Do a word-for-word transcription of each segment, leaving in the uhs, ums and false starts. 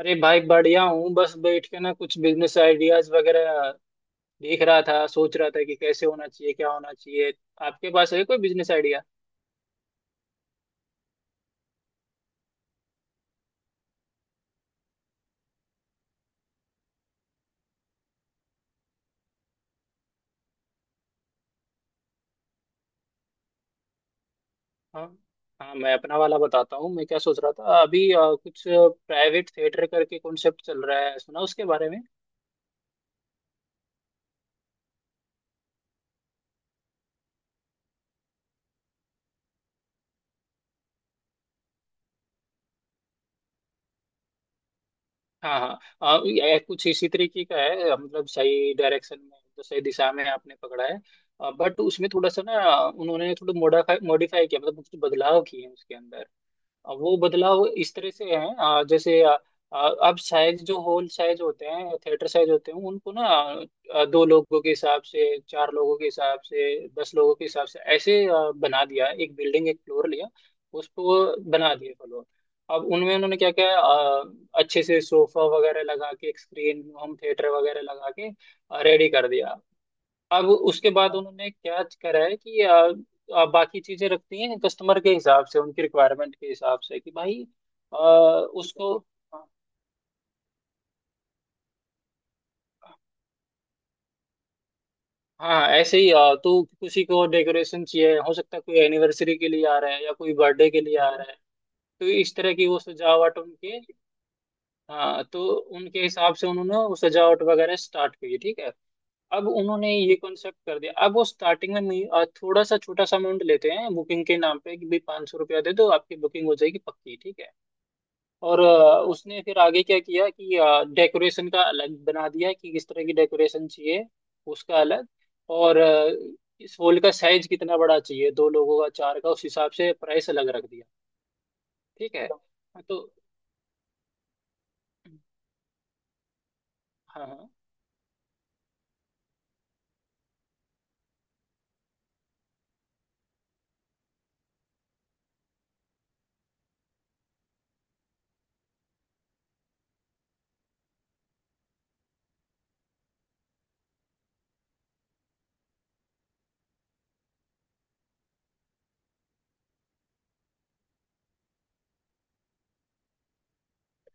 अरे भाई, बढ़िया हूँ। बस बैठ के ना कुछ बिजनेस आइडियाज वगैरह देख रहा था। सोच रहा था कि कैसे होना चाहिए, क्या होना चाहिए। आपके पास है कोई बिजनेस आइडिया? हाँ, हाँ, मैं अपना वाला बताता हूँ। मैं क्या सोच रहा था, अभी अ, कुछ प्राइवेट थिएटर करके कॉन्सेप्ट चल रहा है, सुना उसके बारे में? हाँ, हाँ, अ, ये कुछ इसी तरीके का है। अ, मतलब सही डायरेक्शन में, तो सही दिशा में आपने पकड़ा है। बट उसमें थोड़ा सा ना, उन्होंने थोड़ा मोडिफाई मॉडिफाई किया, मतलब कुछ बदलाव किए हैं उसके अंदर। अब वो बदलाव इस तरह से है, आ, जैसे आ, आ, अब साइज, जो हॉल साइज होते हैं, थिएटर साइज होते हैं, उनको ना। आ, दो लोगों के हिसाब से, चार लोगों के हिसाब से, दस लोगों के हिसाब से, ऐसे आ, बना दिया। एक बिल्डिंग, एक फ्लोर लिया। उसको बना दिए फ्लोर। अब उनमें उन्होंने क्या क्या आ, अच्छे से सोफा वगैरह लगा के, एक स्क्रीन होम थिएटर वगैरह लगा के रेडी कर दिया। अब उसके बाद उन्होंने क्या करा है कि आ, आ, बाकी चीजें रखती हैं कस्टमर के हिसाब से, उनकी रिक्वायरमेंट के हिसाब से, कि भाई आ, उसको। हाँ, ऐसे ही। आ, तो किसी को डेकोरेशन चाहिए, हो सकता है कोई एनिवर्सरी के लिए आ रहा है, या कोई बर्थडे के लिए आ रहा है। तो इस तरह की वो सजावट उनके। हाँ, तो उनके हिसाब से उन्होंने वो सजावट वगैरह स्टार्ट की, ठीक है। अब उन्होंने ये कॉन्सेप्ट कर दिया। अब वो स्टार्टिंग में मी- अ, थोड़ा सा छोटा सा अमाउंट लेते हैं बुकिंग के नाम पे, कि भाई पाँच सौ रुपया दे दो, आपकी बुकिंग हो जाएगी पक्की, ठीक है। और अ, उसने फिर आगे क्या किया, कि डेकोरेशन का अलग बना दिया कि किस तरह की डेकोरेशन चाहिए, उसका अलग। और अ, इस हॉल का साइज कितना बड़ा चाहिए, दो लोगों का, चार का, उस हिसाब से प्राइस अलग रख दिया। ठीक है। हाँ, तो। हाँ, हाँ,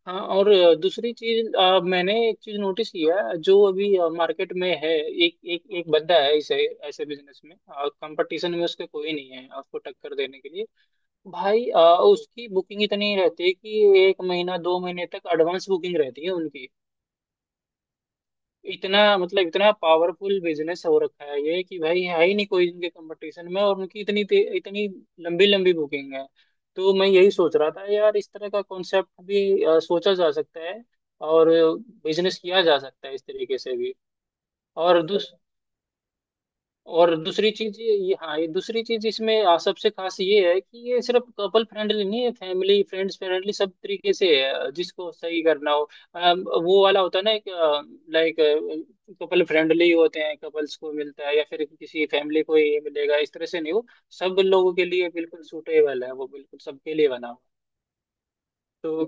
हाँ। और अ, दूसरी चीज, अ, मैंने एक चीज नोटिस किया है, जो अभी अ, मार्केट में है। एक एक एक बंदा है इसे, ऐसे बिजनेस में और कंपटीशन में उसके कोई नहीं है आपको टक्कर देने के लिए। भाई, अ, उसकी बुकिंग इतनी रहती है कि एक महीना दो महीने तक एडवांस बुकिंग रहती है उनकी। इतना, मतलब इतना पावरफुल बिजनेस हो रखा है ये कि भाई है ही नहीं कोई इनके कंपटीशन में। और उनकी इतनी ते- इतनी लंबी लंबी बुकिंग है। तो मैं यही सोच रहा था यार, इस तरह का कॉन्सेप्ट भी अ, सोचा जा सकता है और बिजनेस किया जा सकता है इस तरीके से भी। और दूस और दूसरी चीज, ये ये- हाँ, ये दूसरी चीज, इसमें आ, सबसे खास ये है कि ये सिर्फ कपल फ्रेंडली नहीं है, फैमिली फ्रेंड्स फ्रेंडली सब तरीके से है, जिसको सही करना हो। अम, वो वाला होता है ना एक, लाइक कपल फ्रेंडली होते हैं, कपल्स को मिलता है या फिर किसी फैमिली को ये मिलेगा, इस तरह से नहीं हो। सब लोगों के लिए बिल्कुल सूटेबल है वो, बिल्कुल सबके लिए बना हो। तो,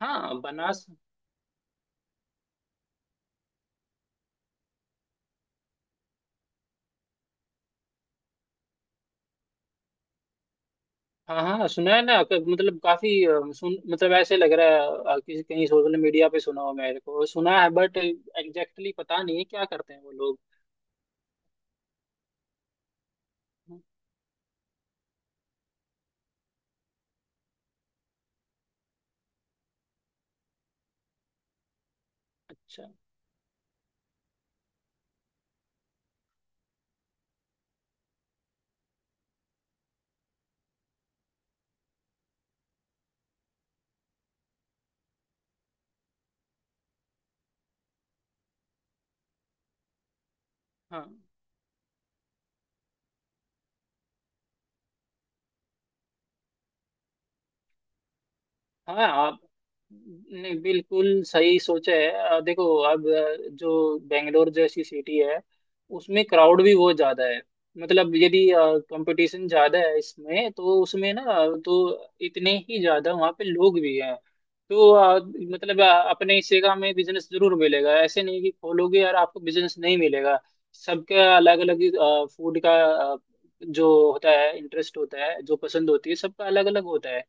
हाँ, बना। हाँ, हाँ, सुना है ना। क- मतलब काफी, अ, सुन मतलब ऐसे लग रहा है। अ, किसी कहीं सोशल मीडिया पे सुना हो मेरे को, सुना है, बट एग्जैक्टली पता नहीं है क्या करते हैं वो लोग। अच्छा। हाँ, हाँ। आप, नहीं, बिल्कुल सही सोचा है। अ, देखो। अब, अ, जो बेंगलोर जैसी सिटी है, उसमें क्राउड भी बहुत ज्यादा है। मतलब यदि कंपटीशन ज्यादा है इसमें, तो उसमें ना। तो इतने ही ज्यादा वहाँ पे लोग भी हैं। तो अ, मतलब अ, अपने हिस्से का हमें बिजनेस जरूर मिलेगा, ऐसे नहीं कि खोलोगे यार, आपको बिजनेस नहीं मिलेगा। सबका अलग अलग फूड का, अ, जो होता है, इंटरेस्ट होता है, जो पसंद होती है, सबका अलग अलग होता है।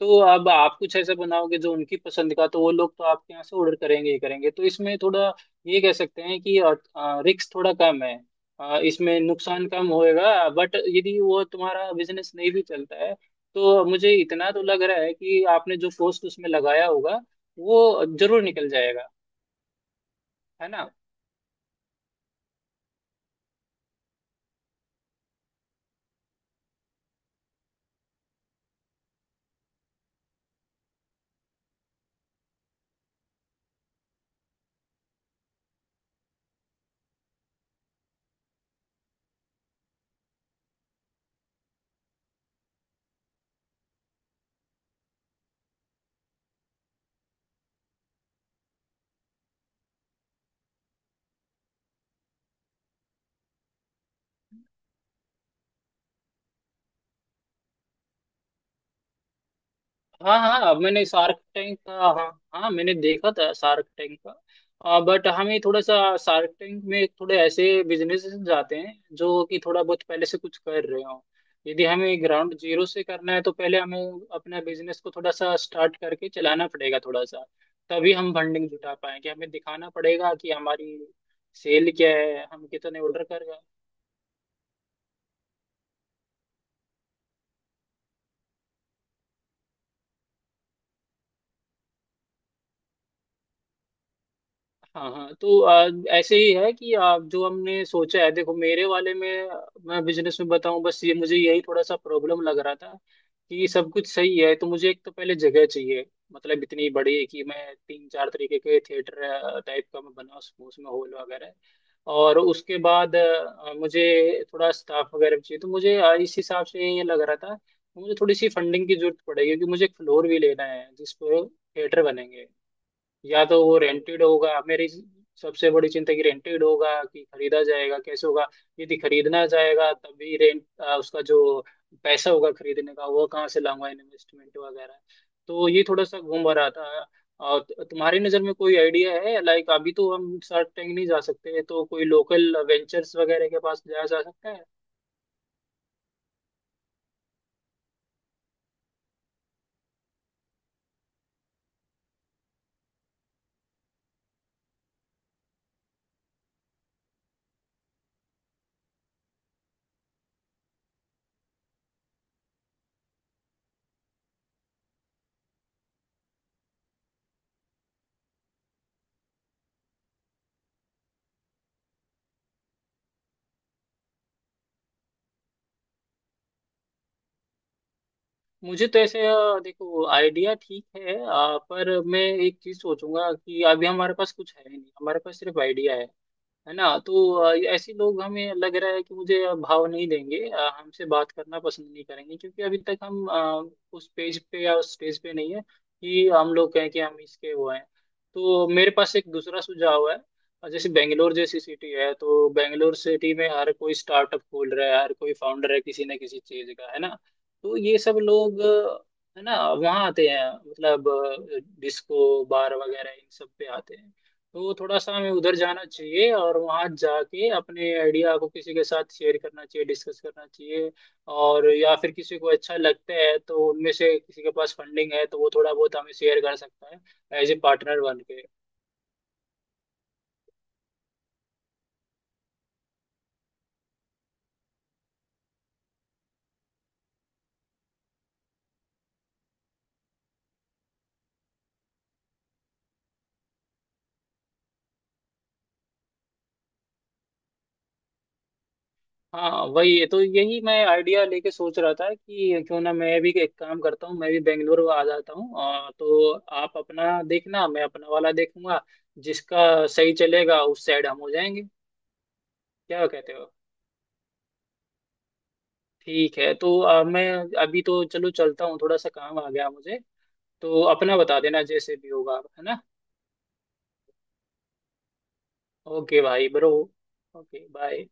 तो अब आप कुछ ऐसा बनाओगे जो उनकी पसंद का, तो वो लोग तो आपके यहाँ से ऑर्डर करेंगे ही करेंगे। तो इसमें थोड़ा, ये कह सकते हैं कि, रिस्क थोड़ा कम है। अ, इसमें नुकसान कम होएगा, बट यदि वो तुम्हारा बिजनेस नहीं भी चलता है तो मुझे इतना तो लग रहा है कि आपने जो कॉस्ट उसमें लगाया होगा, वो जरूर निकल जाएगा, है ना। हाँ, हाँ, अब मैंने शार्क टैंक का। हाँ, हाँ, मैंने देखा था शार्क टैंक का, बट हमें थोड़ा सा, शार्क टैंक में थोड़े ऐसे बिजनेस जाते हैं जो कि थोड़ा बहुत पहले से कुछ कर रहे हो। यदि हमें ग्राउंड जीरो से करना है तो पहले हमें अपना बिजनेस को थोड़ा सा स्टार्ट करके चलाना पड़ेगा, थोड़ा सा। तभी हम फंडिंग जुटा पाएंगे, हमें दिखाना पड़ेगा कि हमारी सेल क्या है, हम कितने ऑर्डर कर। हाँ, हाँ, तो आ, ऐसे ही है कि आप, जो हमने सोचा है, देखो मेरे वाले में, आ, मैं बिजनेस में बताऊं, बस ये मुझे यही थोड़ा सा प्रॉब्लम लग रहा था। कि सब कुछ सही है तो मुझे एक तो पहले जगह चाहिए, मतलब इतनी बड़ी कि मैं तीन चार तरीके के थिएटर टाइप का मैं बना सकूं उसमें, हॉल वगैरह। और उसके बाद आ, मुझे थोड़ा स्टाफ वगैरह भी चाहिए। तो मुझे, आ, इस हिसाब से ये लग रहा था। मुझे थोड़ी सी फंडिंग की जरूरत पड़ेगी, क्योंकि मुझे एक फ्लोर भी लेना है जिस पे थिएटर बनेंगे। या तो वो रेंटेड होगा, मेरी सबसे बड़ी चिंता कि रेंटेड होगा कि खरीदा जाएगा, कैसे होगा। यदि खरीदना जाएगा तभी रेंट। उसका जो पैसा होगा खरीदने का, वो कहाँ से लाऊंगा, इन्वेस्टमेंट वगैरह। तो ये थोड़ा सा घूम रहा था। और त- तुम्हारी नज़र में कोई आइडिया है? लाइक अभी तो हम शार्क टैंक नहीं जा सकते, तो कोई लोकल वेंचर्स वगैरह के पास जाया जा सकता है? मुझे तो ऐसे, अ, देखो, आइडिया ठीक है, अ, पर मैं एक चीज सोचूंगा कि अभी हमारे पास कुछ है नहीं, हमारे पास सिर्फ आइडिया है है ना। तो अ, ऐसे लोग, हमें लग रहा है कि मुझे अ, भाव नहीं देंगे, अ, हमसे बात करना पसंद नहीं करेंगे, क्योंकि अभी तक हम अ, उस पेज पे या उस स्टेज पे नहीं है कि हम लोग कहें कि हम इसके वो हैं। तो मेरे पास एक दूसरा सुझाव है। अ, जैसे बेंगलोर जैसी सिटी है, तो बेंगलोर सिटी में हर कोई स्टार्टअप खोल रहा है, हर कोई फाउंडर है किसी न किसी चीज का, है ना। तो ये सब लोग, अ, है ना, वहाँ आते हैं, मतलब डिस्को बार वगैरह इन सब पे आते हैं। तो थोड़ा सा हमें उधर जाना चाहिए, और वहाँ जाके अपने आइडिया को किसी के साथ शेयर करना चाहिए, डिस्कस करना चाहिए। और या फिर किसी को अच्छा लगता है तो उनमें से किसी के पास फंडिंग है, तो वो थोड़ा बहुत हमें शेयर कर सकता है, एज ए पार्टनर बन के। हाँ, वही है, तो यही मैं आइडिया लेके सोच रहा था कि क्यों ना मैं भी एक काम करता हूँ, मैं भी बेंगलुरु आ जाता हूँ, और तो आप अपना देखना, मैं अपना वाला देखूंगा। जिसका सही चलेगा उस साइड हम हो जाएंगे। क्या कहते हो? ठीक है। तो अ, मैं अभी तो, चलो, चलता हूँ, थोड़ा सा काम आ गया मुझे। तो अपना बता देना जैसे भी होगा, है ना। ओके भाई ब्रो। Okay bye.